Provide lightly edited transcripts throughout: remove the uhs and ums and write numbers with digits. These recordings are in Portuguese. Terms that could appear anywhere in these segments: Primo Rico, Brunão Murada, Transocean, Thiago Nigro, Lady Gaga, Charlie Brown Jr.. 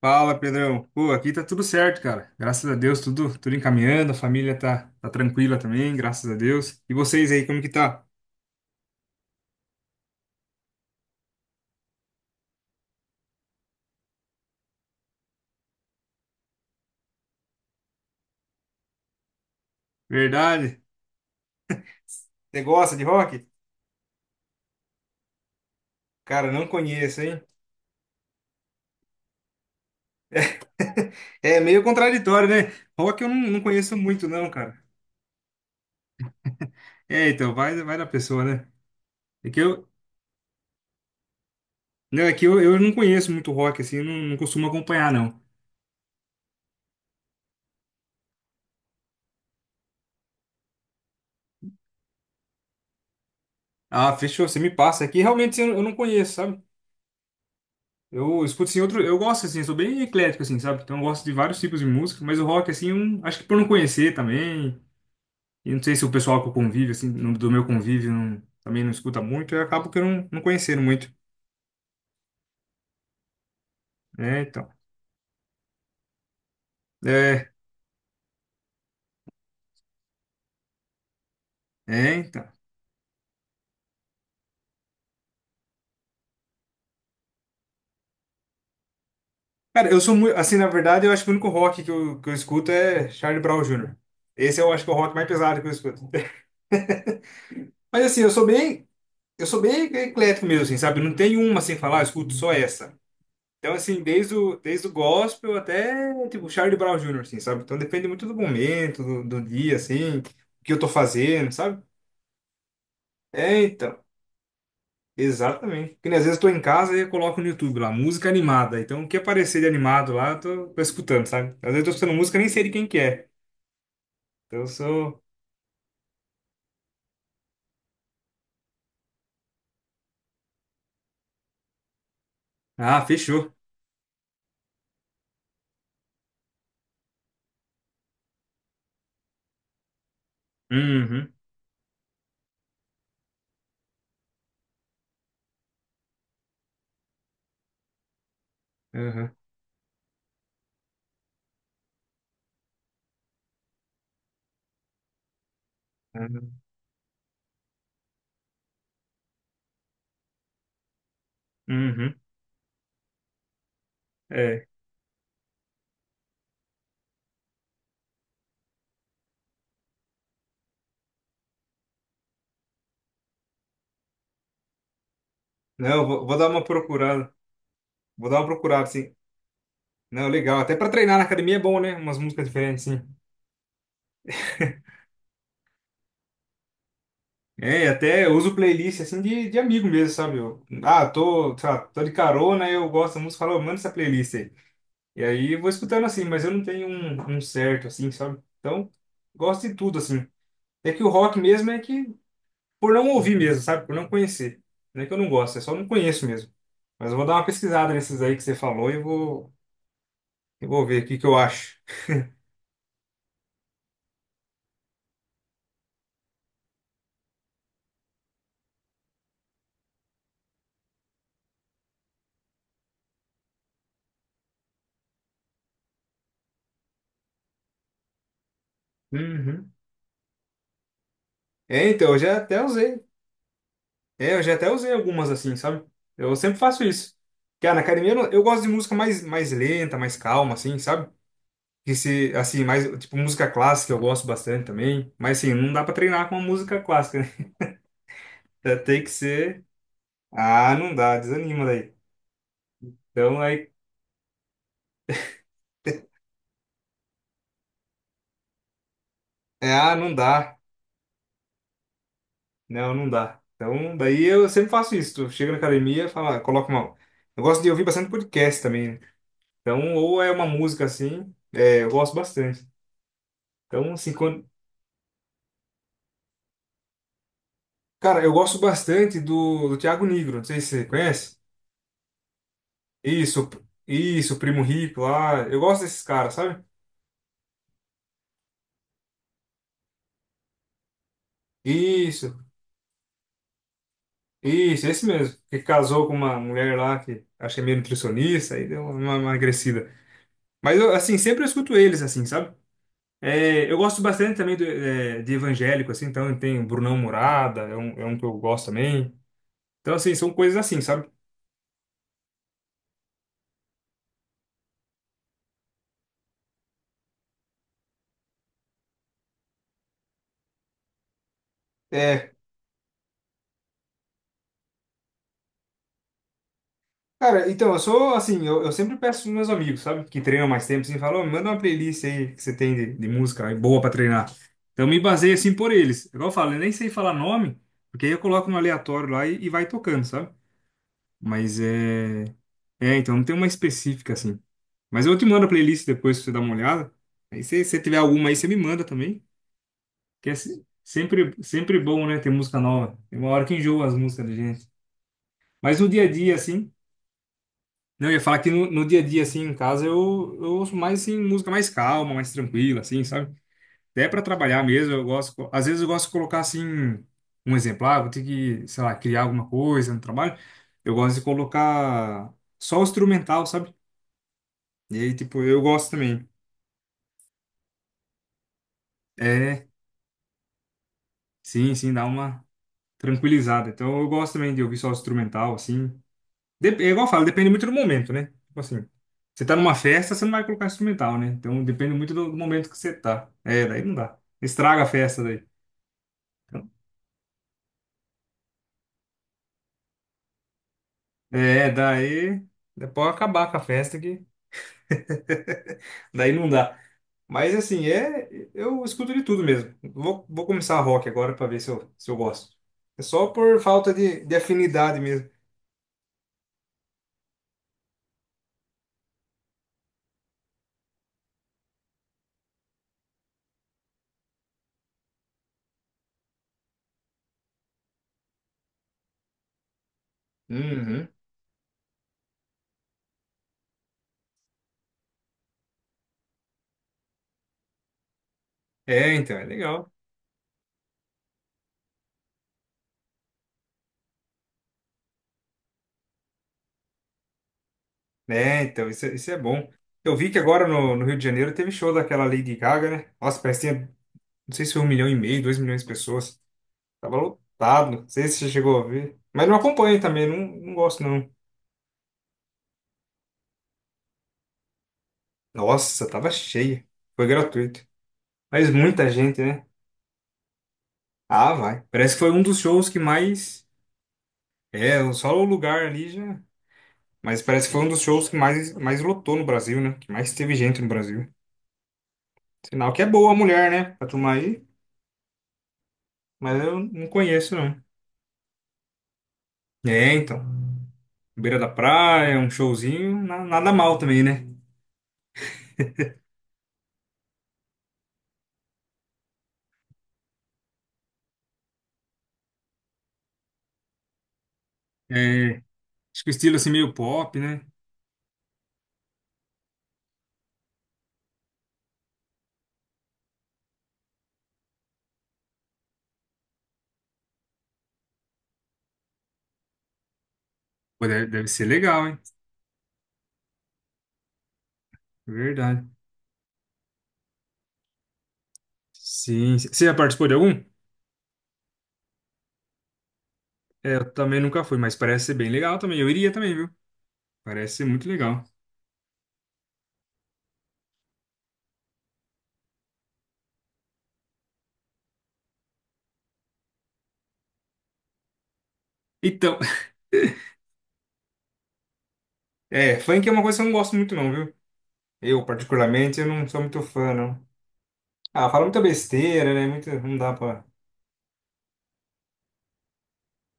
Fala, Pedrão. Pô, aqui tá tudo certo, cara. Graças a Deus, tudo encaminhando, a família tá tranquila também, graças a Deus. E vocês aí, como que tá? Verdade? Você gosta de rock? Cara, não conheço, hein? É meio contraditório, né? Rock eu não conheço muito, não, cara. É, então, vai da pessoa, né? É que eu, não, é que eu não conheço muito rock, assim, eu não costumo acompanhar, não. Ah, fechou, você me passa aqui. Realmente eu não conheço, sabe? Eu escuto assim outro, eu gosto assim, eu sou bem eclético assim, sabe? Então eu gosto de vários tipos de música, mas o rock assim, acho que por não conhecer também, e não sei se o pessoal que eu convivo assim, do meu convívio não- também não escuta muito, eu acabo que eu não conhecendo muito, né? É, é, então. Cara, eu sou muito, assim, na verdade, eu acho que o único rock que eu escuto é Charlie Brown Jr. Esse eu acho que é o rock mais pesado que eu escuto. Mas assim, eu sou bem, eu sou bem eclético mesmo, assim, sabe? Não tem uma sem falar, "Ah, eu escuto só essa". Então, assim, desde o gospel até, tipo, Charlie Brown Jr., assim, sabe? Então depende muito do momento, do dia, assim, o que eu tô fazendo, sabe? É, então, exatamente. Porque né, às vezes eu tô em casa e eu coloco no YouTube lá, música animada. Então, o que aparecer de animado lá, eu tô escutando, sabe? Às vezes eu tô escutando música e nem sei de quem que é. Então eu sou... Ah, fechou. Uhum, uhum, uhum, uhum, é. Não, eu vou dar uma procurada. Vou dar uma procurada, assim. Não, legal. Até pra treinar na academia é bom, né? Umas músicas diferentes, sim. É, e até eu uso playlist assim de amigo mesmo, sabe? Eu, ah, tô, sei lá, tô de carona, eu gosto da música, falo, "Ô, manda essa playlist aí". E aí eu vou escutando assim, mas eu não tenho um certo, assim, sabe? Então, gosto de tudo, assim. É que o rock mesmo é que, Por não ouvir mesmo, sabe? Por não conhecer. Não é que eu não gosto, é só não conheço mesmo. Mas eu vou dar uma pesquisada nesses aí que você falou e vou ver o que que eu acho. Uhum. É, então, eu já até usei. É, eu já até usei algumas assim, sabe? Eu sempre faço isso. Cara, na academia eu, não- eu gosto de música mais lenta, mais calma, assim, sabe? Que se, assim, mais, tipo, música clássica eu gosto bastante também. Mas, assim, não dá pra treinar com uma música clássica, né? Já tem que ser. Ah, não dá, desanima daí. Então, aí. É, ah, não dá. Não, não dá. Então, daí eu sempre faço isso. Eu chego na academia, falo, coloco uma. Eu gosto de ouvir bastante podcast também, né? Então, ou é uma música assim, é, eu gosto bastante. Então, assim, quando. Cara, eu gosto bastante do Thiago Nigro, não sei se você conhece. Isso, isso, o Primo Rico lá. Eu gosto desses caras, sabe? Isso, isso, esse mesmo. Que casou com uma mulher lá que acho que é meio nutricionista e deu uma emagrecida. Mas eu, assim, sempre eu escuto eles, assim, sabe? É, eu gosto bastante também é, de evangélico, assim, então tem o Brunão Murada, é um que eu gosto também. Então, assim, são coisas assim, sabe? É, cara, então, eu sou assim, eu sempre peço pros meus amigos, sabe? Que treinam mais tempo, assim, falam, "Ô, manda uma playlist aí que você tem de música aí, boa pra treinar". Então, eu me baseio assim por eles. Igual eu falo, eu nem sei falar nome, porque aí eu coloco no aleatório lá e vai tocando, sabe? Mas é. É, então, não tem uma específica assim. Mas eu te mando a playlist depois pra você dar uma olhada. Aí, se você tiver alguma aí, você me manda também. Que é sempre bom, né, ter música nova. Tem uma hora que enjoa as músicas da gente. Mas no dia a dia, assim. Não, eu ia falar que no dia a dia, assim, em casa, eu ouço mais, assim, música mais calma, mais tranquila, assim, sabe? Até para trabalhar mesmo, eu gosto... Às vezes eu gosto de colocar, assim, um exemplo. Ah, vou ter que, sei lá, criar alguma coisa no trabalho. Eu gosto de colocar só o instrumental, sabe? E aí, tipo, eu gosto também. É, sim, sim, dá uma tranquilizada. Então, eu gosto também de ouvir só o instrumental, assim. É igual eu falo, depende muito do momento, né? Tipo assim, você tá numa festa, você não vai colocar instrumental, né? Então depende muito do momento que você tá. É, daí não dá. Estraga a festa daí. É, daí. Depois acabar com a festa que. Daí não dá. Mas assim, é. Eu escuto de tudo mesmo. Vou começar rock agora pra ver se eu gosto. É só por falta de afinidade mesmo. Uhum. É, então, é legal. É, então, isso, isso é bom. Eu vi que agora no Rio de Janeiro teve show daquela Lady Gaga, né? Nossa, parecia. Não sei se foi um milhão e meio, dois milhões de pessoas. Tava lotado. Não sei se você chegou a ver. Mas não acompanho também, não, não gosto não. Nossa, tava cheia. Foi gratuito. Mas muita gente, né? Ah, vai. Parece que foi um dos shows que mais. É, só o lugar ali já. Mas parece que foi um dos shows que mais lotou no Brasil, né? Que mais teve gente no Brasil. Sinal que é boa a mulher, né? Pra turma aí. Mas eu não conheço, não. É, então. Beira da praia, um showzinho. Nada mal também, né? É, acho que o estilo assim meio pop, né? Pô, deve, deve ser legal, hein? É verdade. Sim. Você já participou de algum? É, eu também nunca fui, mas parece ser bem legal também. Eu iria também, viu? Parece ser muito legal. Então, é, funk é uma coisa que eu não gosto muito não, viu? Eu, particularmente, eu não sou muito fã, não. Ah, fala muita besteira, né? Muito, não dá pra...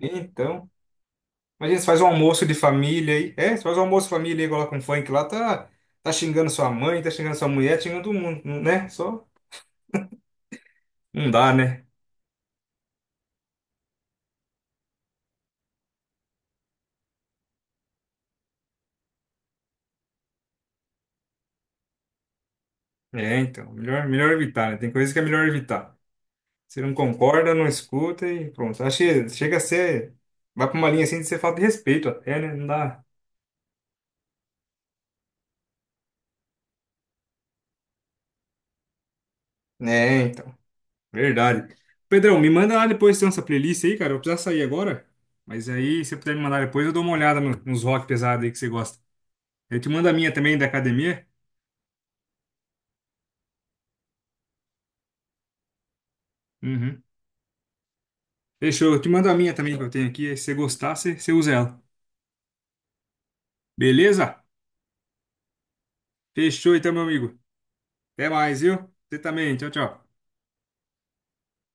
Então... Imagina, você faz um almoço de família aí. É, você faz um almoço de família aí, coloca um funk lá, tá xingando sua mãe, tá xingando sua mulher, tá xingando todo mundo, né? Só... Não dá, né? É, então. Melhor evitar, né? Tem coisas que é melhor evitar. Você não concorda, não escuta e pronto. Acho que chega a ser. Vai pra uma linha assim de ser falta de respeito até, né? Não dá. É, então. Verdade. Pedrão, me manda lá depois se tem essa playlist aí, cara. Eu vou precisar sair agora. Mas aí, se você puder me mandar depois, eu dou uma olhada nos rock pesado aí que você gosta. Eu te mando a minha também da academia. Uhum. Fechou. Eu te mando a minha também que eu tenho aqui. Aí, se você gostar, você usa ela. Beleza? Fechou então, meu amigo. Até mais, viu? Você também. Tchau, tchau.